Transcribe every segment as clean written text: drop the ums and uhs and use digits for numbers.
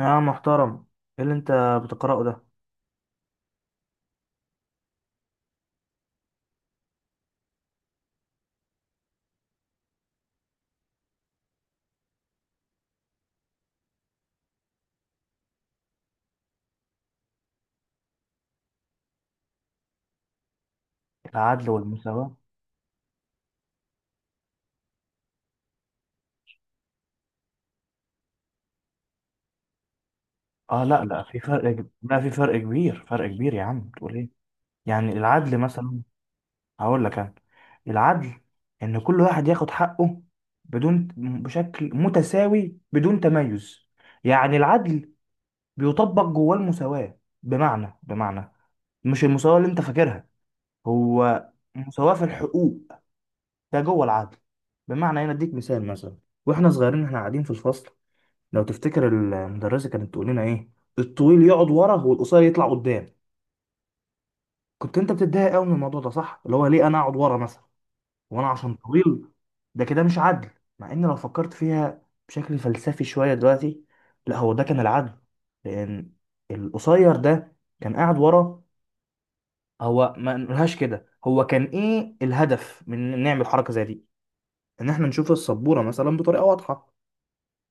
يا محترم، ايه اللي انت بتقرأه ده؟ العدل والمساواة؟ اه، لا، لا، في فرق لا، في فرق كبير فرق كبير. يا عم، بتقول ايه؟ يعني العدل مثلا، هقول لك انا. العدل ان كل واحد ياخد حقه، بدون، بشكل متساوي بدون تميز. يعني العدل بيطبق جواه المساواة، بمعنى مش المساواة اللي انت فاكرها، هو مساواة في الحقوق، ده جوه العدل. بمعنى انا اديك مثال، مثلا واحنا صغيرين احنا قاعدين في الفصل، لو تفتكر المدرسة كانت تقول لنا ايه؟ الطويل يقعد ورا والقصير يطلع قدام. كنت انت بتتضايق قوي من الموضوع ده، صح؟ اللي هو ليه انا اقعد ورا مثلا وانا عشان طويل؟ ده كده مش عدل. مع ان لو فكرت فيها بشكل فلسفي شوية دلوقتي، لا هو ده كان العدل. لان القصير ده كان قاعد ورا، هو ما نقولهاش كده، هو كان ايه الهدف من إن نعمل حركة زي دي؟ ان احنا نشوف السبورة مثلا بطريقة واضحة،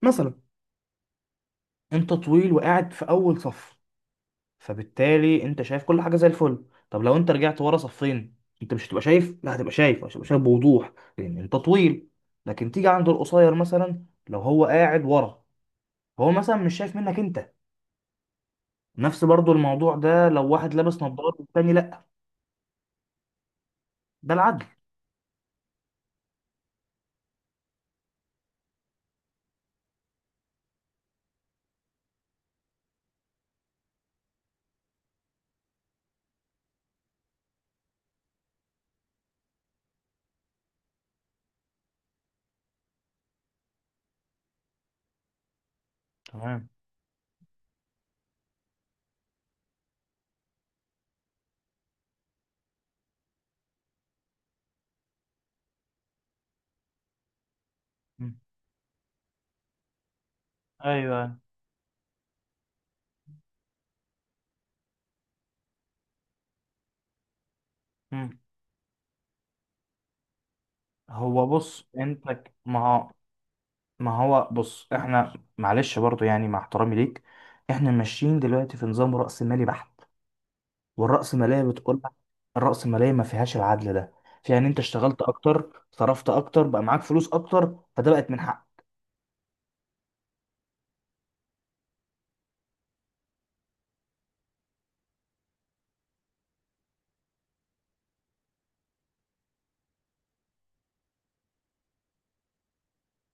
مثلا. انت طويل وقاعد في اول صف، فبالتالي انت شايف كل حاجه زي الفل. طب لو انت رجعت ورا صفين، انت مش هتبقى شايف، لا، هتبقى شايف بوضوح لان انت طويل. لكن تيجي عند القصير، مثلا لو هو قاعد ورا، هو مثلا مش شايف منك انت. نفس برضو الموضوع ده لو واحد لابس نظارة والتاني لا. ده العدل. تمام. مم. ايوه. مم. هو بص انت ما هو. ما هو بص احنا، معلش برضو يعني، مع احترامي ليك، احنا ماشيين دلوقتي في نظام رأسمالي بحت. والرأسمالية بتقول لك، الرأسمالية ما فيهاش العدل ده. فيها ان انت اشتغلت اكتر، صرفت اكتر، بقى معاك فلوس اكتر، فده بقت من حق.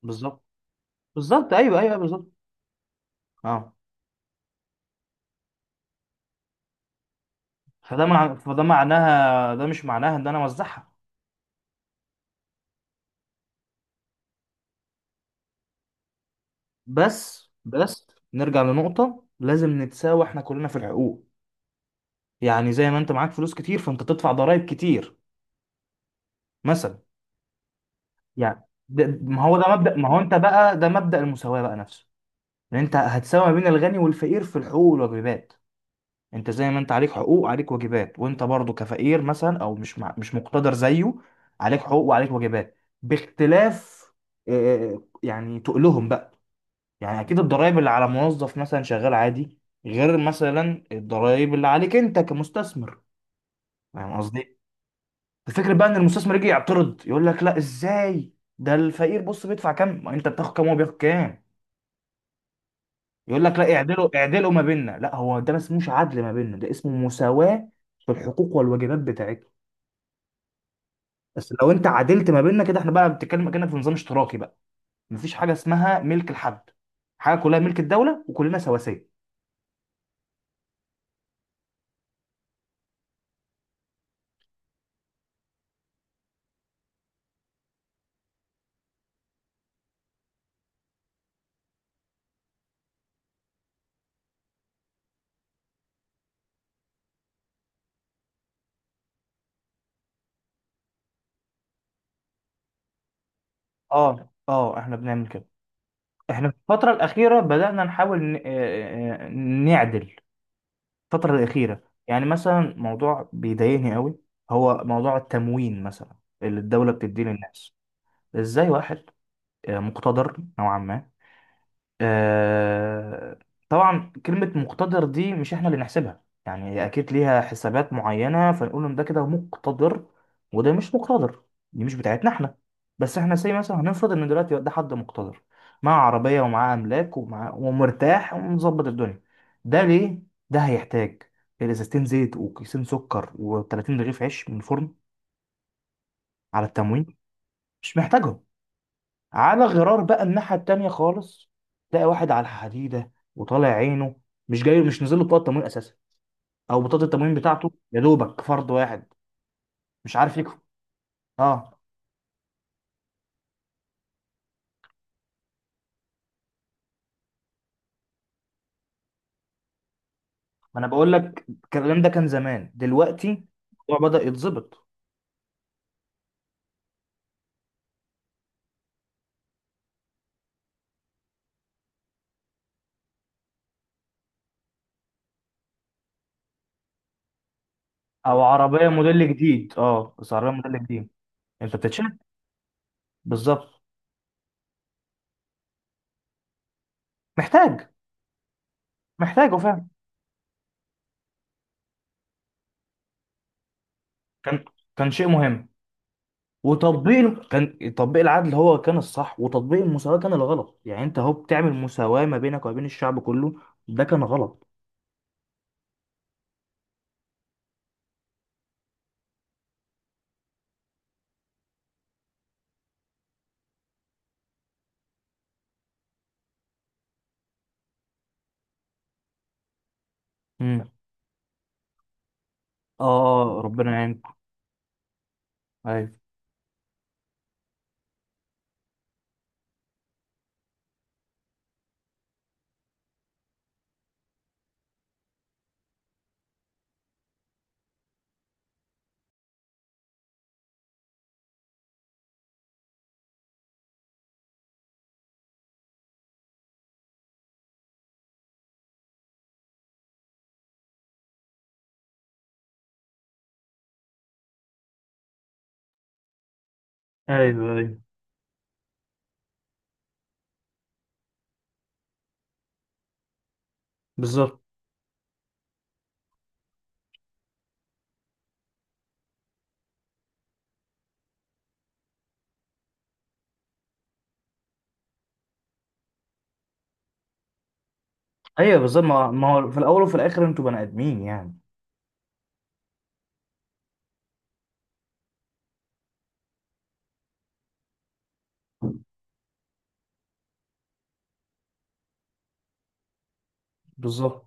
بالظبط. بالظبط، ايوه، ايوه، بالظبط. اه. فده معناها، ده مش معناها ان انا اوزعها. بس نرجع لنقطة، لازم نتساوى احنا كلنا في الحقوق. يعني زي ما انت معاك فلوس كتير، فانت تدفع ضرائب كتير مثلا. يعني ده، ما هو ده مبدأ، ما هو انت بقى، ده مبدأ المساواة بقى نفسه. ان انت هتساوي ما بين الغني والفقير في الحقوق والواجبات. انت زي ما انت عليك حقوق، عليك واجبات، وانت برضو كفقير مثلا او مش مقتدر زيه. عليك حقوق وعليك واجبات، باختلاف. يعني تقلهم بقى. يعني اكيد الضرائب اللي على موظف مثلا شغال عادي، غير مثلا الضرائب اللي عليك انت كمستثمر. فاهم قصدي؟ الفكرة بقى ان المستثمر يجي يعترض يقول لك: لا، ازاي ده الفقير بص بيدفع كام، ما انت بتاخد كام وهو بياخد كام؟ يقول لك: لا، اعدلوا اعدلوا ما بيننا. لا، هو ده ما اسموش عدل ما بيننا، ده اسمه مساواة في الحقوق والواجبات بتاعتنا. بس لو انت عدلت ما بيننا كده، احنا بقى بنتكلم كأنك في نظام اشتراكي بقى. مفيش حاجه اسمها ملك لحد، حاجه كلها ملك الدوله وكلنا سواسيه. اه، اه، احنا بنعمل كده. احنا في الفتره الاخيره بدأنا نحاول نعدل. الفتره الاخيره. يعني مثلا موضوع بيضايقني قوي، هو موضوع التموين مثلا اللي الدوله بتديه للناس. ازاي واحد مقتدر نوعا ما، آه، طبعا كلمة مقتدر دي مش احنا اللي نحسبها، يعني هي اكيد ليها حسابات معينة فنقول ان ده كده مقتدر وده مش مقتدر، دي مش بتاعتنا احنا. بس احنا زي مثلا هنفرض ان دلوقتي ده حد مقتدر، معاه عربية ومعاه املاك ومرتاح ومظبط الدنيا. ده ليه، ده هيحتاج ازازتين زيت وكيسين سكر و30 رغيف عيش من الفرن على التموين؟ مش محتاجهم. على غرار بقى الناحية التانية خالص، تلاقي واحد على الحديدة وطالع عينه، مش نزل له بطاقة تموين أساسا، أو بطاقة التموين بتاعته يا دوبك فرد واحد مش عارف يكفي. أه، ما أنا بقول لك الكلام ده كان زمان. دلوقتي الموضوع بدأ يتظبط. أو عربية موديل جديد، بس عربية موديل جديد، أنت بتتشال. بالظبط. محتاج محتاجه فعلا. كان كان شيء مهم. وتطبيق كان تطبيق العدل هو كان الصح وتطبيق المساواة كان الغلط. يعني انت اهو بتعمل مساواة ما بينك وما بين الشعب كله. ده كان غلط. امم اه، ربنا يعينكم. ايوه، ايوه، ايوه، بالظبط. ايوه، بالظبط. ما هو في الاول وفي الاخر انتوا بني ادمين يعني. بالظبط.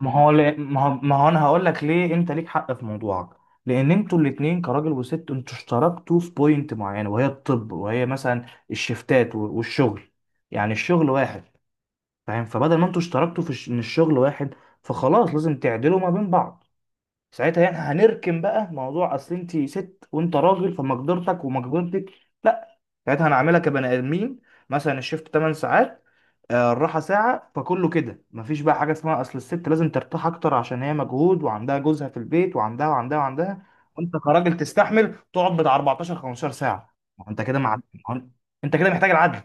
ما هو ل- ما هو ما هو انا هقول لك ليه، انت ليك حق في موضوعك. لان انتوا الاتنين كراجل وست انتوا اشتركتوا في بوينت معينه، وهي الطب، وهي مثلا الشفتات والشغل، يعني الشغل واحد. فاهم؟ فبدل ما انتوا اشتركتوا في ان الشغل واحد، فخلاص لازم تعدلوا ما بين بعض. ساعتها يعني هنركن بقى موضوع اصل انت ست وانت راجل، فمقدرتك ومقدرتك. لا، ساعتها هنعملها كبني ادمين. مثلا الشيفت 8 ساعات، الراحه ساعه، فكله كده مفيش بقى حاجه اسمها اصل الست لازم ترتاح اكتر عشان هي مجهود وعندها جوزها في البيت وعندها وعندها وعندها. وانت كراجل تستحمل تقعد بتاع 14 15 ساعه. ما هو انت كده مع ما هو انت كده محتاج العدل.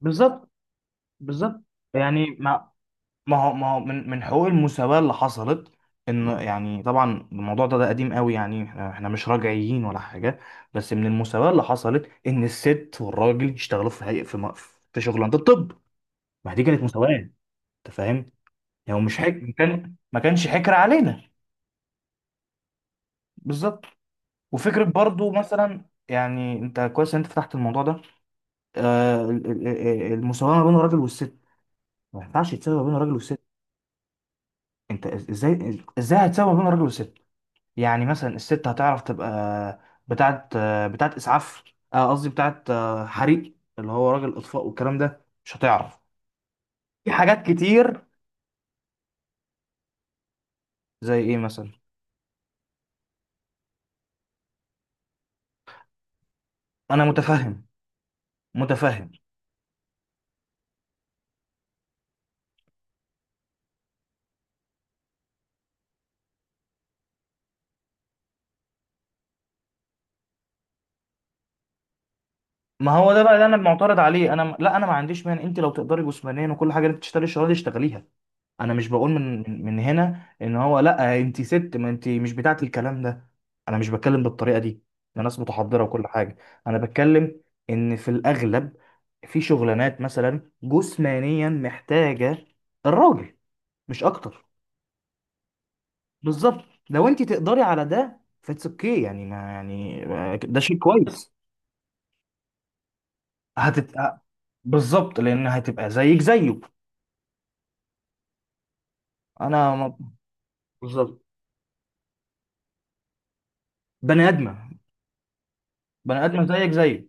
بالظبط. بالظبط. يعني ما هو من حقوق المساواة اللي حصلت، ان يعني طبعا الموضوع ده قديم قوي، يعني احنا مش رجعيين ولا حاجة. بس من المساواة اللي حصلت ان الست والراجل يشتغلوا في هيئة، في في شغلانة الطب. ما دي كانت مساواة. انت فاهم؟ يعني مش حك... ما كانش حكر علينا. بالظبط. وفكرة برضو مثلا، يعني انت كويس ان انت فتحت الموضوع ده. المساواة ما بين الراجل والست، ما ينفعش تساوي ما بين الراجل والست. انت ازاي هتساوي ما بين الراجل والست؟ يعني مثلا الست هتعرف تبقى بتاعت بتاعت اسعاف، قصدي بتاعت حريق، اللي هو راجل اطفاء والكلام ده، مش هتعرف. في حاجات كتير. زي ايه مثلا؟ انا متفهم، متفهم. ما هو ده بقى اللي انا معترض عليه. انا، لا، انا ما عنديش مانع، انت لو تقدري جسمانيا وكل حاجه، انت تشتغلي الشغلانه دي، اشتغليها. انا مش بقول من هنا ان هو، لا انت ست، ما انت مش بتاعت الكلام ده. انا مش بتكلم بالطريقه دي، انا ناس متحضره وكل حاجه. انا بتكلم ان في الاغلب، في شغلانات مثلا جسمانيا محتاجه الراجل، مش اكتر. بالظبط، لو انت تقدري على ده فاتس اوكي، يعني ما يعني ده شيء كويس. هتبقى. بالظبط، لان هتبقى زيك زيه. انا بالظبط. بني ادمه، بني ادمه زيك زيه.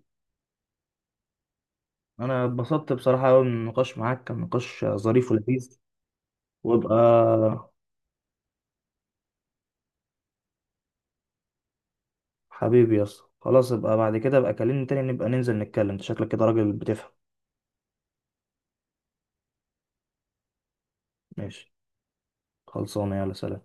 انا اتبسطت بصراحة قوي من النقاش معاك، كان نقاش ظريف ولذيذ. وابقى حبيبي يا اسطى، خلاص ابقى بعد كده، ابقى كلمني تاني، نبقى ننزل نتكلم، انت شكلك كده راجل بتفهم. ماشي، خلصانة، يلا سلام.